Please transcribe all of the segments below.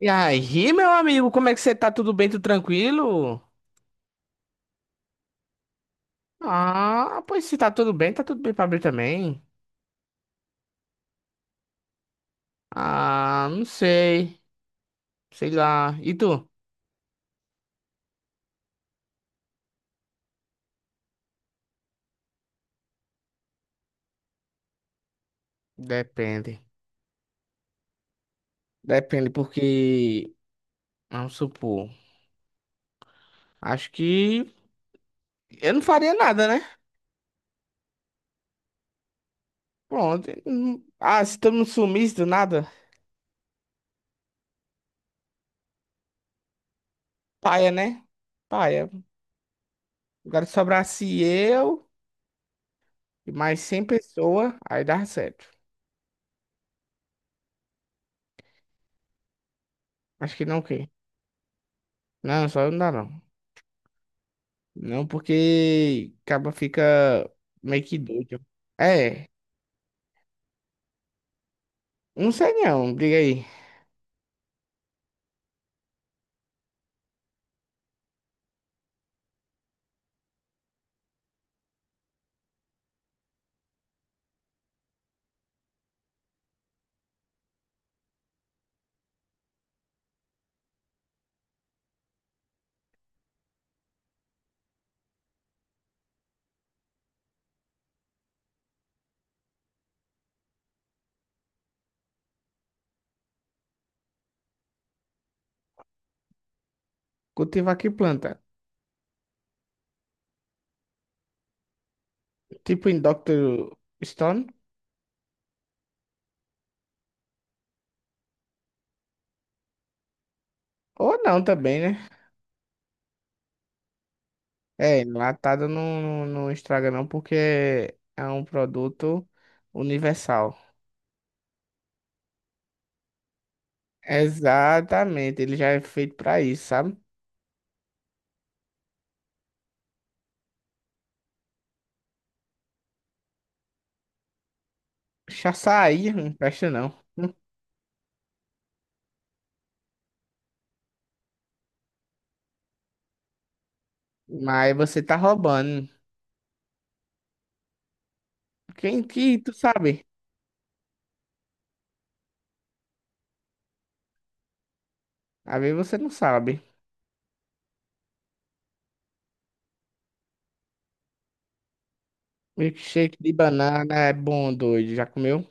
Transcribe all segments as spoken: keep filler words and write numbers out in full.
E aí, meu amigo, como é que você tá? Tudo bem, tudo tranquilo? Ah, pois se tá tudo bem, tá tudo bem pra abrir também. Ah, não sei. Sei lá. E tu? Depende. Depende, porque. Vamos supor. Acho que eu não faria nada, né? Pronto. Hum, Ah, se todo mundo sumisse do nada, paia, né? Paia. Agora sobrasse eu e mais cem pessoas, aí dá certo. Acho que não, o quê? Não, só eu não dá, não. Não porque acaba fica meio que doido. É, não sei não, diga aí. Cultivar que planta? Tipo em doutor Stone? Ou não também, né? É, enlatado não, não, não estraga não, porque é um produto universal. Exatamente, ele já é feito pra isso, sabe? Açaí não presta não. Mas você tá roubando. Quem que tu sabe? Às vezes você não sabe. Milkshake de banana é bom, doido. Já comeu?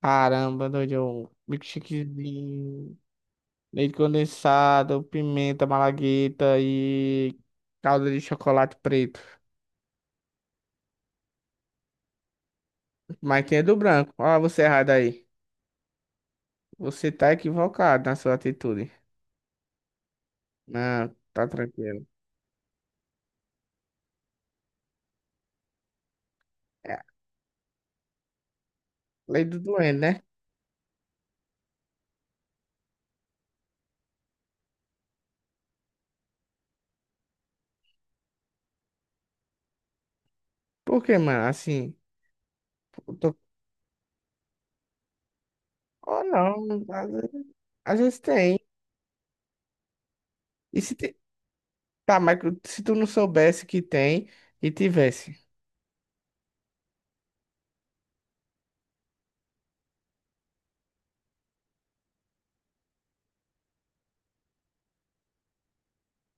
Caramba, doido. eu- Milkshake de leite condensado, pimenta, malagueta e calda de chocolate preto. Mas tem é do branco. Olha você errado aí. Você tá equivocado na sua atitude. Não, tá tranquilo. É, lei do doente, né? Por que, mano? Assim, eu tô. Oh, não. Às vezes às vezes tem. E se tem. Tá, mas se tu não soubesse que tem e tivesse?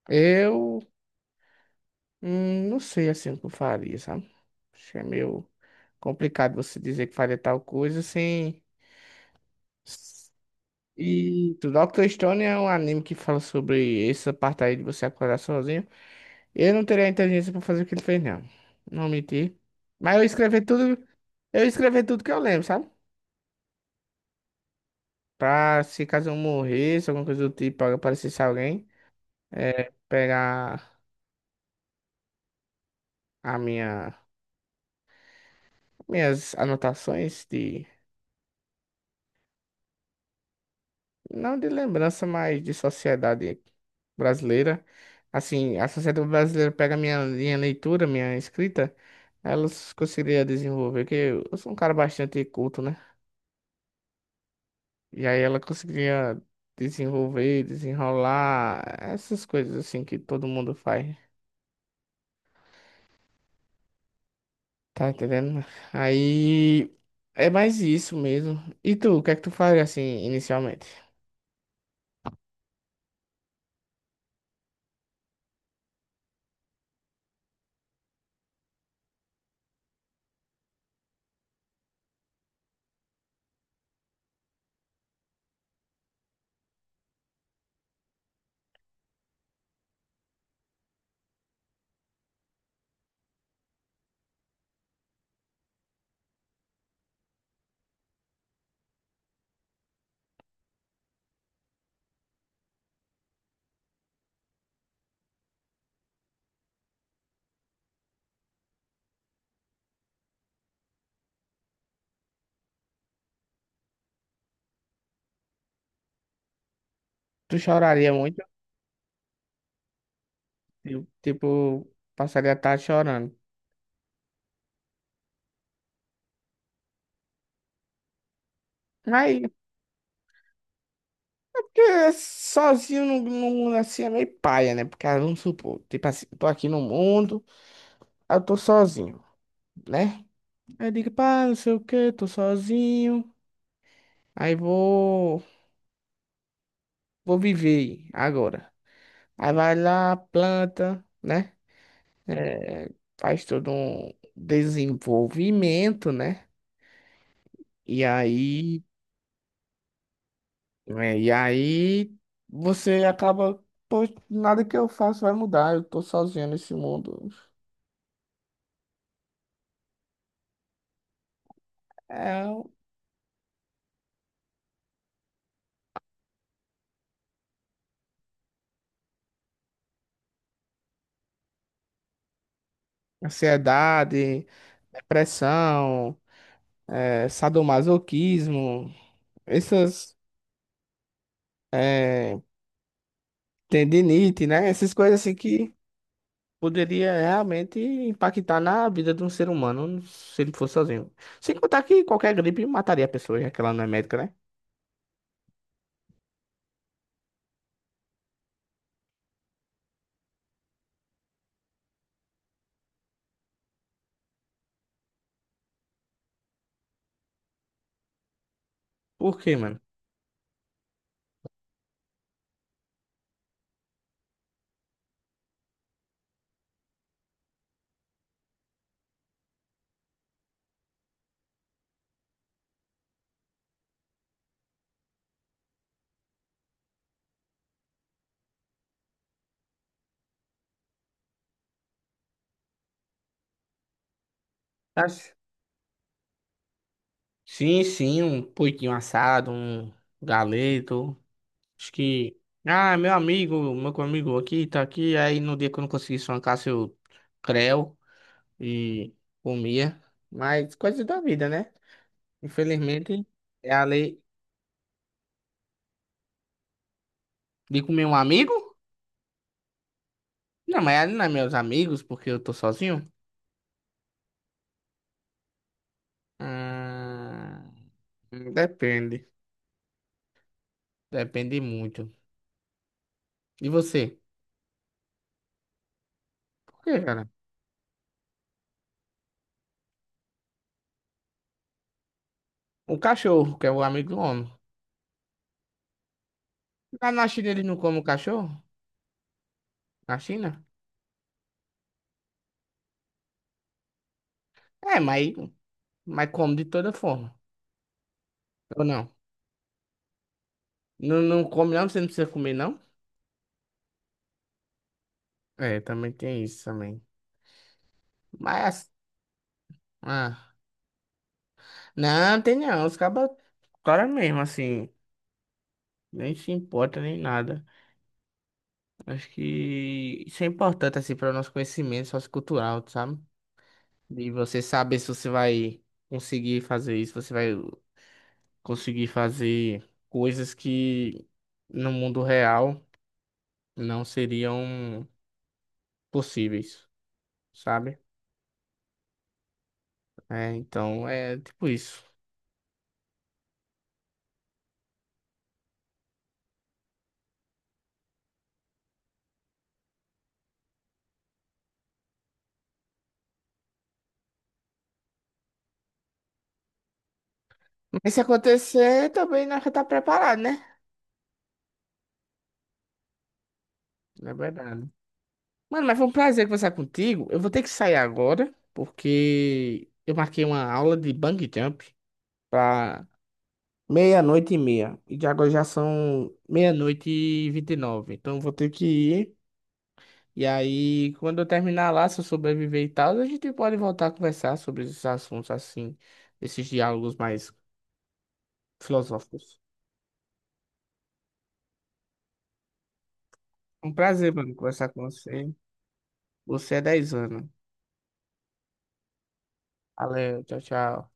Eu Hum, não sei assim o que eu faria, sabe? Acho que é meio complicado você dizer que faria tal coisa sem. E o doutor Stone é um anime que fala sobre essa parte aí de você acordar sozinho. Eu não teria a inteligência pra fazer o que ele fez, não. Não menti. Mas eu escrevi tudo, eu escrevi tudo que eu lembro, sabe? Pra se caso eu morresse, alguma coisa do tipo, aparecesse alguém, é, pegar a minha, minhas anotações de. Não de lembrança, mas de sociedade brasileira. Assim, a sociedade brasileira pega minha, minha leitura, minha escrita, elas conseguiria desenvolver, que eu sou um cara bastante culto, né? E aí ela conseguiria desenvolver, desenrolar, essas coisas assim que todo mundo faz. Tá entendendo? Aí é mais isso mesmo. E tu, o que é que tu faria assim inicialmente? Tu choraria muito? Eu, tipo, passaria a tarde chorando. Mas porque sozinho não no assim é meio paia, né? Porque ah, vamos supor, tipo assim, eu tô aqui no mundo, aí eu tô sozinho, né? Aí eu digo, pá, não sei o que, tô sozinho. Aí vou, vou viver agora. Aí vai lá, planta, né? É, faz todo um desenvolvimento, né? E aí, é, e aí você acaba, pô, nada que eu faço vai mudar, eu tô sozinho nesse mundo. É. Ansiedade, depressão, eh, sadomasoquismo, essas eh, tendinite, né? Essas coisas assim que poderia realmente impactar na vida de um ser humano se ele fosse sozinho. Sem contar que qualquer gripe mataria a pessoa, já que ela não é médica, né? Por quê, mano? Acho. Sim, sim, um porquinho assado, um galeto. Acho que. Ah, meu amigo, meu amigo aqui, tá aqui. Aí no dia que eu não consegui sonhar, eu creu e comia. Mas coisas da vida, né? Infelizmente, é a lei de comer um amigo? Não, mas é, não é meus amigos, porque eu tô sozinho. Ah, depende. Depende muito. E você? Por quê, cara? O cachorro, que é o amigo do homem. Lá na China eles não comem cachorro? Na China? É, mas, mas come de toda forma. Ou não? Não, não come não? Você não precisa comer não? É, também tem isso também. Mas, ah, não, tem não. Os cabas, cara mesmo, assim, nem se importa nem nada. Acho que isso é importante, assim, para o nosso conhecimento sociocultural, sabe? De você saber se você vai conseguir fazer isso, você vai conseguir fazer coisas que no mundo real não seriam possíveis, sabe? É, então, é tipo isso. E se acontecer, também nós já tá preparado, né? É verdade. Mano, mas foi um prazer conversar contigo. Eu vou ter que sair agora, porque eu marquei uma aula de bungee jump pra meia-noite e meia. E de agora já são meia-noite e vinte e nove. Então eu vou ter que ir. E aí, quando eu terminar lá, se eu sobreviver e tal, a gente pode voltar a conversar sobre esses assuntos assim, esses diálogos mais filosóficos. Um prazer, mano, conversar com você. Você é dez anos. Valeu, tchau, tchau.